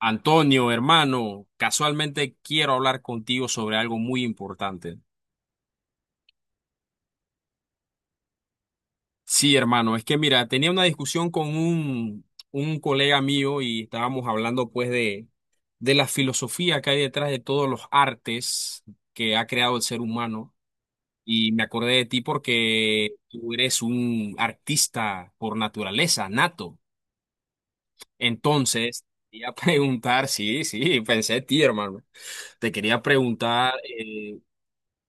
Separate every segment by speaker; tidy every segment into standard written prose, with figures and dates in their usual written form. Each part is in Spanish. Speaker 1: Antonio, hermano, casualmente quiero hablar contigo sobre algo muy importante. Sí, hermano, es que mira, tenía una discusión con un colega mío y estábamos hablando pues de la filosofía que hay detrás de todos los artes que ha creado el ser humano. Y me acordé de ti porque tú eres un artista por naturaleza, nato. Entonces, quería preguntar, sí, sí, pensé en ti, hermano. Te quería preguntar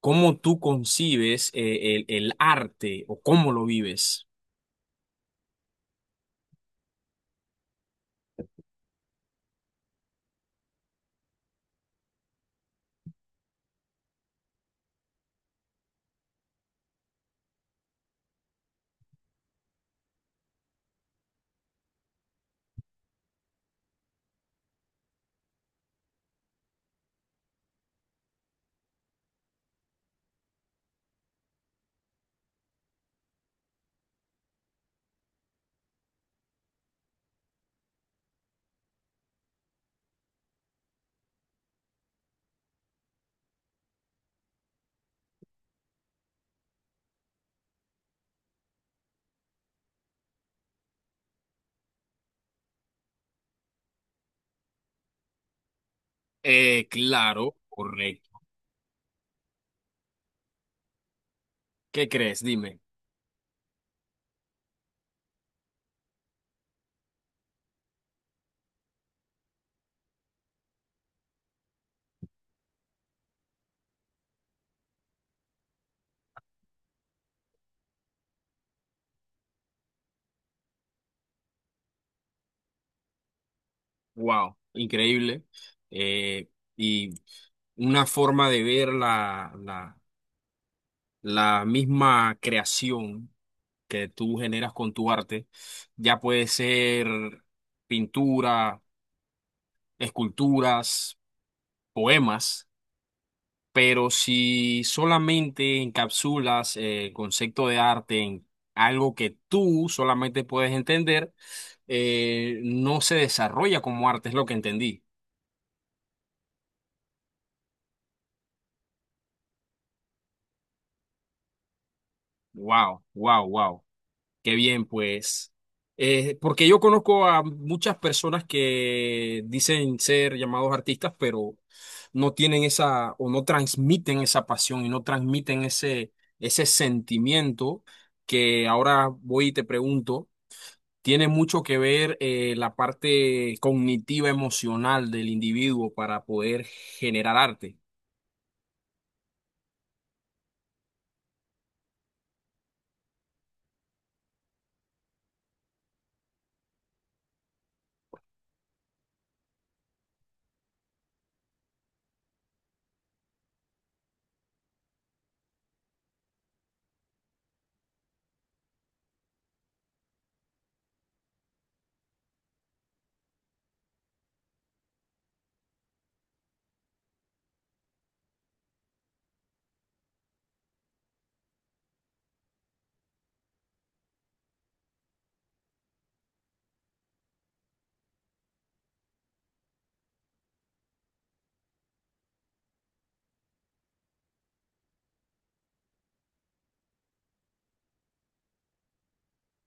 Speaker 1: ¿cómo tú concibes el arte o cómo lo vives? Claro, correcto. ¿Qué crees? Dime. Wow, increíble. Eh, y una forma de ver la misma creación que tú generas con tu arte, ya puede ser pintura, esculturas, poemas. Pero si solamente encapsulas el concepto de arte en algo que tú solamente puedes entender, no se desarrolla como arte, es lo que entendí. Wow, wow, wow. Qué bien, pues. Porque yo conozco a muchas personas que dicen ser llamados artistas, pero no tienen esa o no transmiten esa pasión y no transmiten ese sentimiento que ahora voy y te pregunto. Tiene mucho que ver la parte cognitiva emocional del individuo para poder generar arte.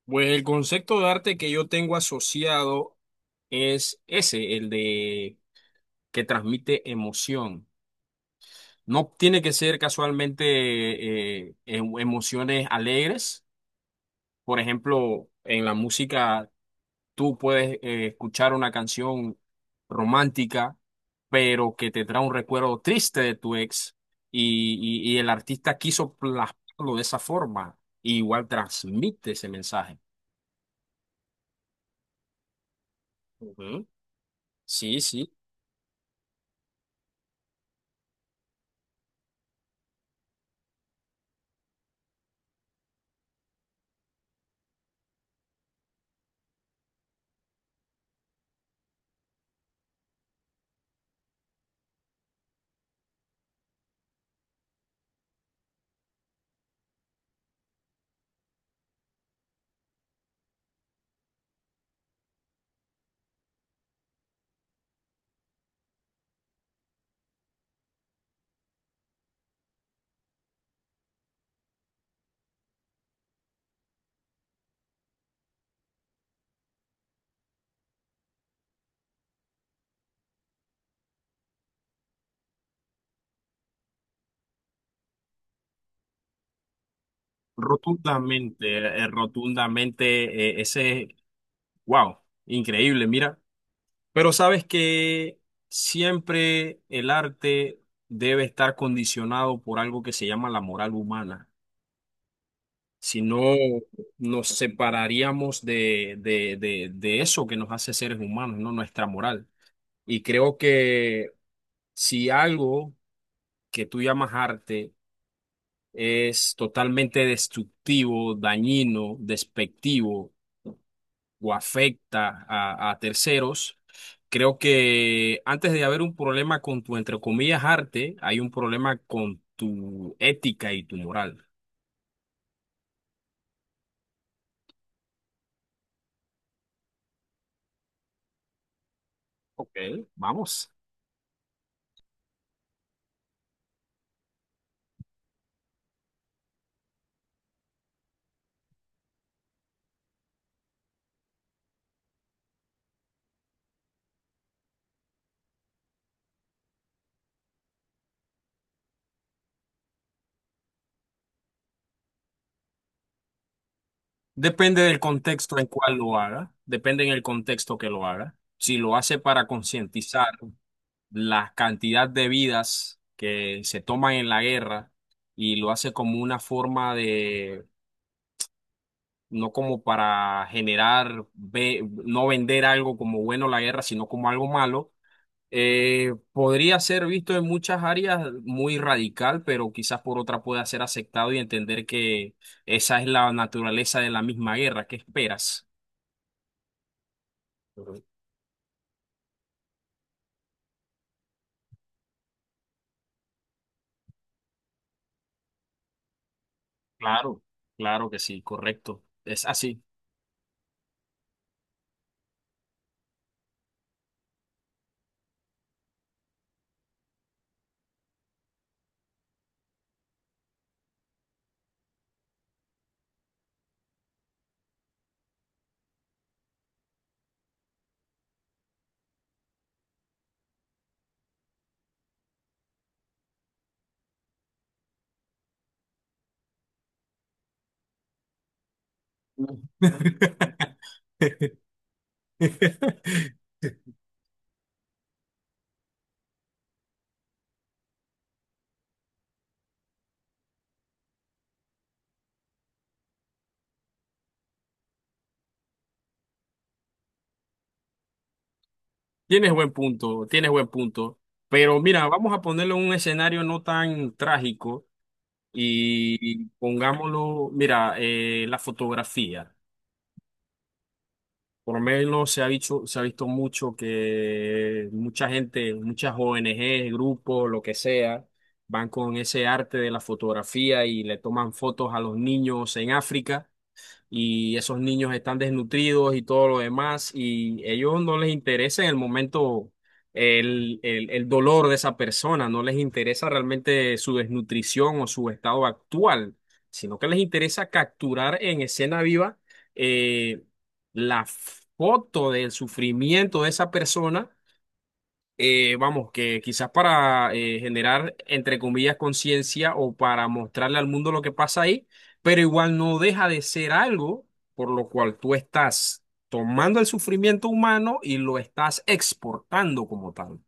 Speaker 1: Pues el concepto de arte que yo tengo asociado es ese, el de que transmite emoción. No tiene que ser casualmente emociones alegres. Por ejemplo, en la música tú puedes escuchar una canción romántica, pero que te trae un recuerdo triste de tu ex y, y el artista quiso plasmarlo de esa forma. Y igual transmite ese mensaje. Ujú. Sí, sí, rotundamente, rotundamente, wow, increíble, mira. Pero sabes que siempre el arte debe estar condicionado por algo que se llama la moral humana. Si no, nos separaríamos de eso que nos hace seres humanos, ¿no? Nuestra moral. Y creo que si algo que tú llamas arte es totalmente destructivo, dañino, despectivo o afecta a terceros, creo que antes de haber un problema con tu, entre comillas, arte, hay un problema con tu ética y tu moral. Ok, vamos. Depende del contexto en cual lo haga, depende en el contexto que lo haga. Si lo hace para concientizar la cantidad de vidas que se toman en la guerra y lo hace como una forma de, no como para generar, no vender algo como bueno la guerra, sino como algo malo, podría ser visto en muchas áreas muy radical, pero quizás por otra pueda ser aceptado y entender que esa es la naturaleza de la misma guerra. ¿Qué esperas? Claro, claro que sí, correcto. Es así. Tienes buen punto, tienes buen punto. Pero mira, vamos a ponerlo en un escenario no tan trágico y pongámoslo, mira, la fotografía. Por lo menos se ha dicho, se ha visto mucho que mucha gente, muchas ONG, grupos, lo que sea, van con ese arte de la fotografía y le toman fotos a los niños en África y esos niños están desnutridos y todo lo demás y ellos no les interesa en el momento el dolor de esa persona, no les interesa realmente su desnutrición o su estado actual, sino que les interesa capturar en escena viva eh, la foto del sufrimiento de esa persona, vamos, que quizás para generar, entre comillas, conciencia o para mostrarle al mundo lo que pasa ahí, pero igual no deja de ser algo por lo cual tú estás tomando el sufrimiento humano y lo estás exportando como tal.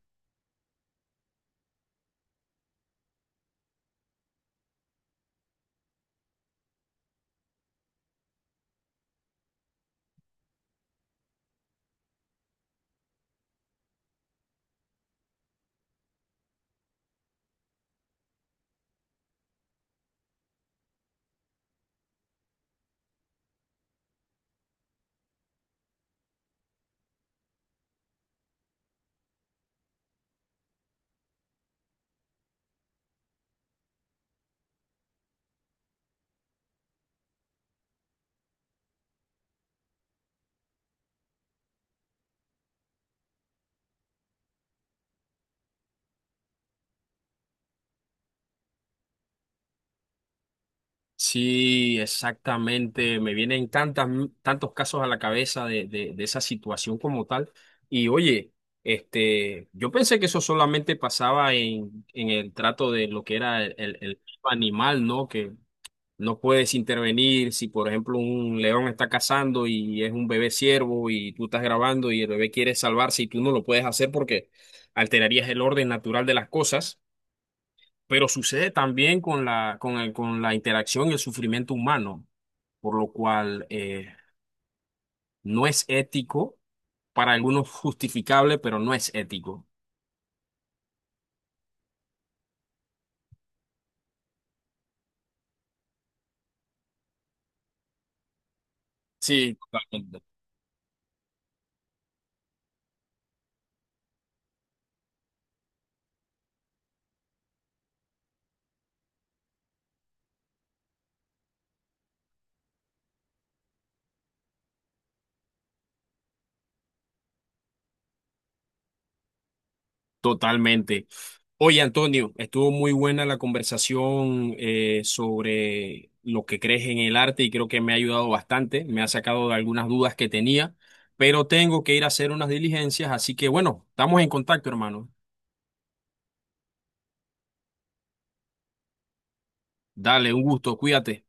Speaker 1: Sí, exactamente. Me vienen tantas, tantos casos a la cabeza de esa situación como tal. Y oye, este, yo pensé que eso solamente pasaba en el trato de lo que era el animal, ¿no? Que no puedes intervenir si, por ejemplo, un león está cazando y es un bebé ciervo y tú estás grabando y el bebé quiere salvarse y tú no lo puedes hacer porque alterarías el orden natural de las cosas. Pero sucede también con con la interacción y el sufrimiento humano, por lo cual no es ético, para algunos justificable, pero no es ético. Sí, totalmente. Totalmente. Oye, Antonio, estuvo muy buena la conversación sobre lo que crees en el arte y creo que me ha ayudado bastante, me ha sacado de algunas dudas que tenía, pero tengo que ir a hacer unas diligencias, así que bueno, estamos en contacto, hermano. Dale, un gusto, cuídate.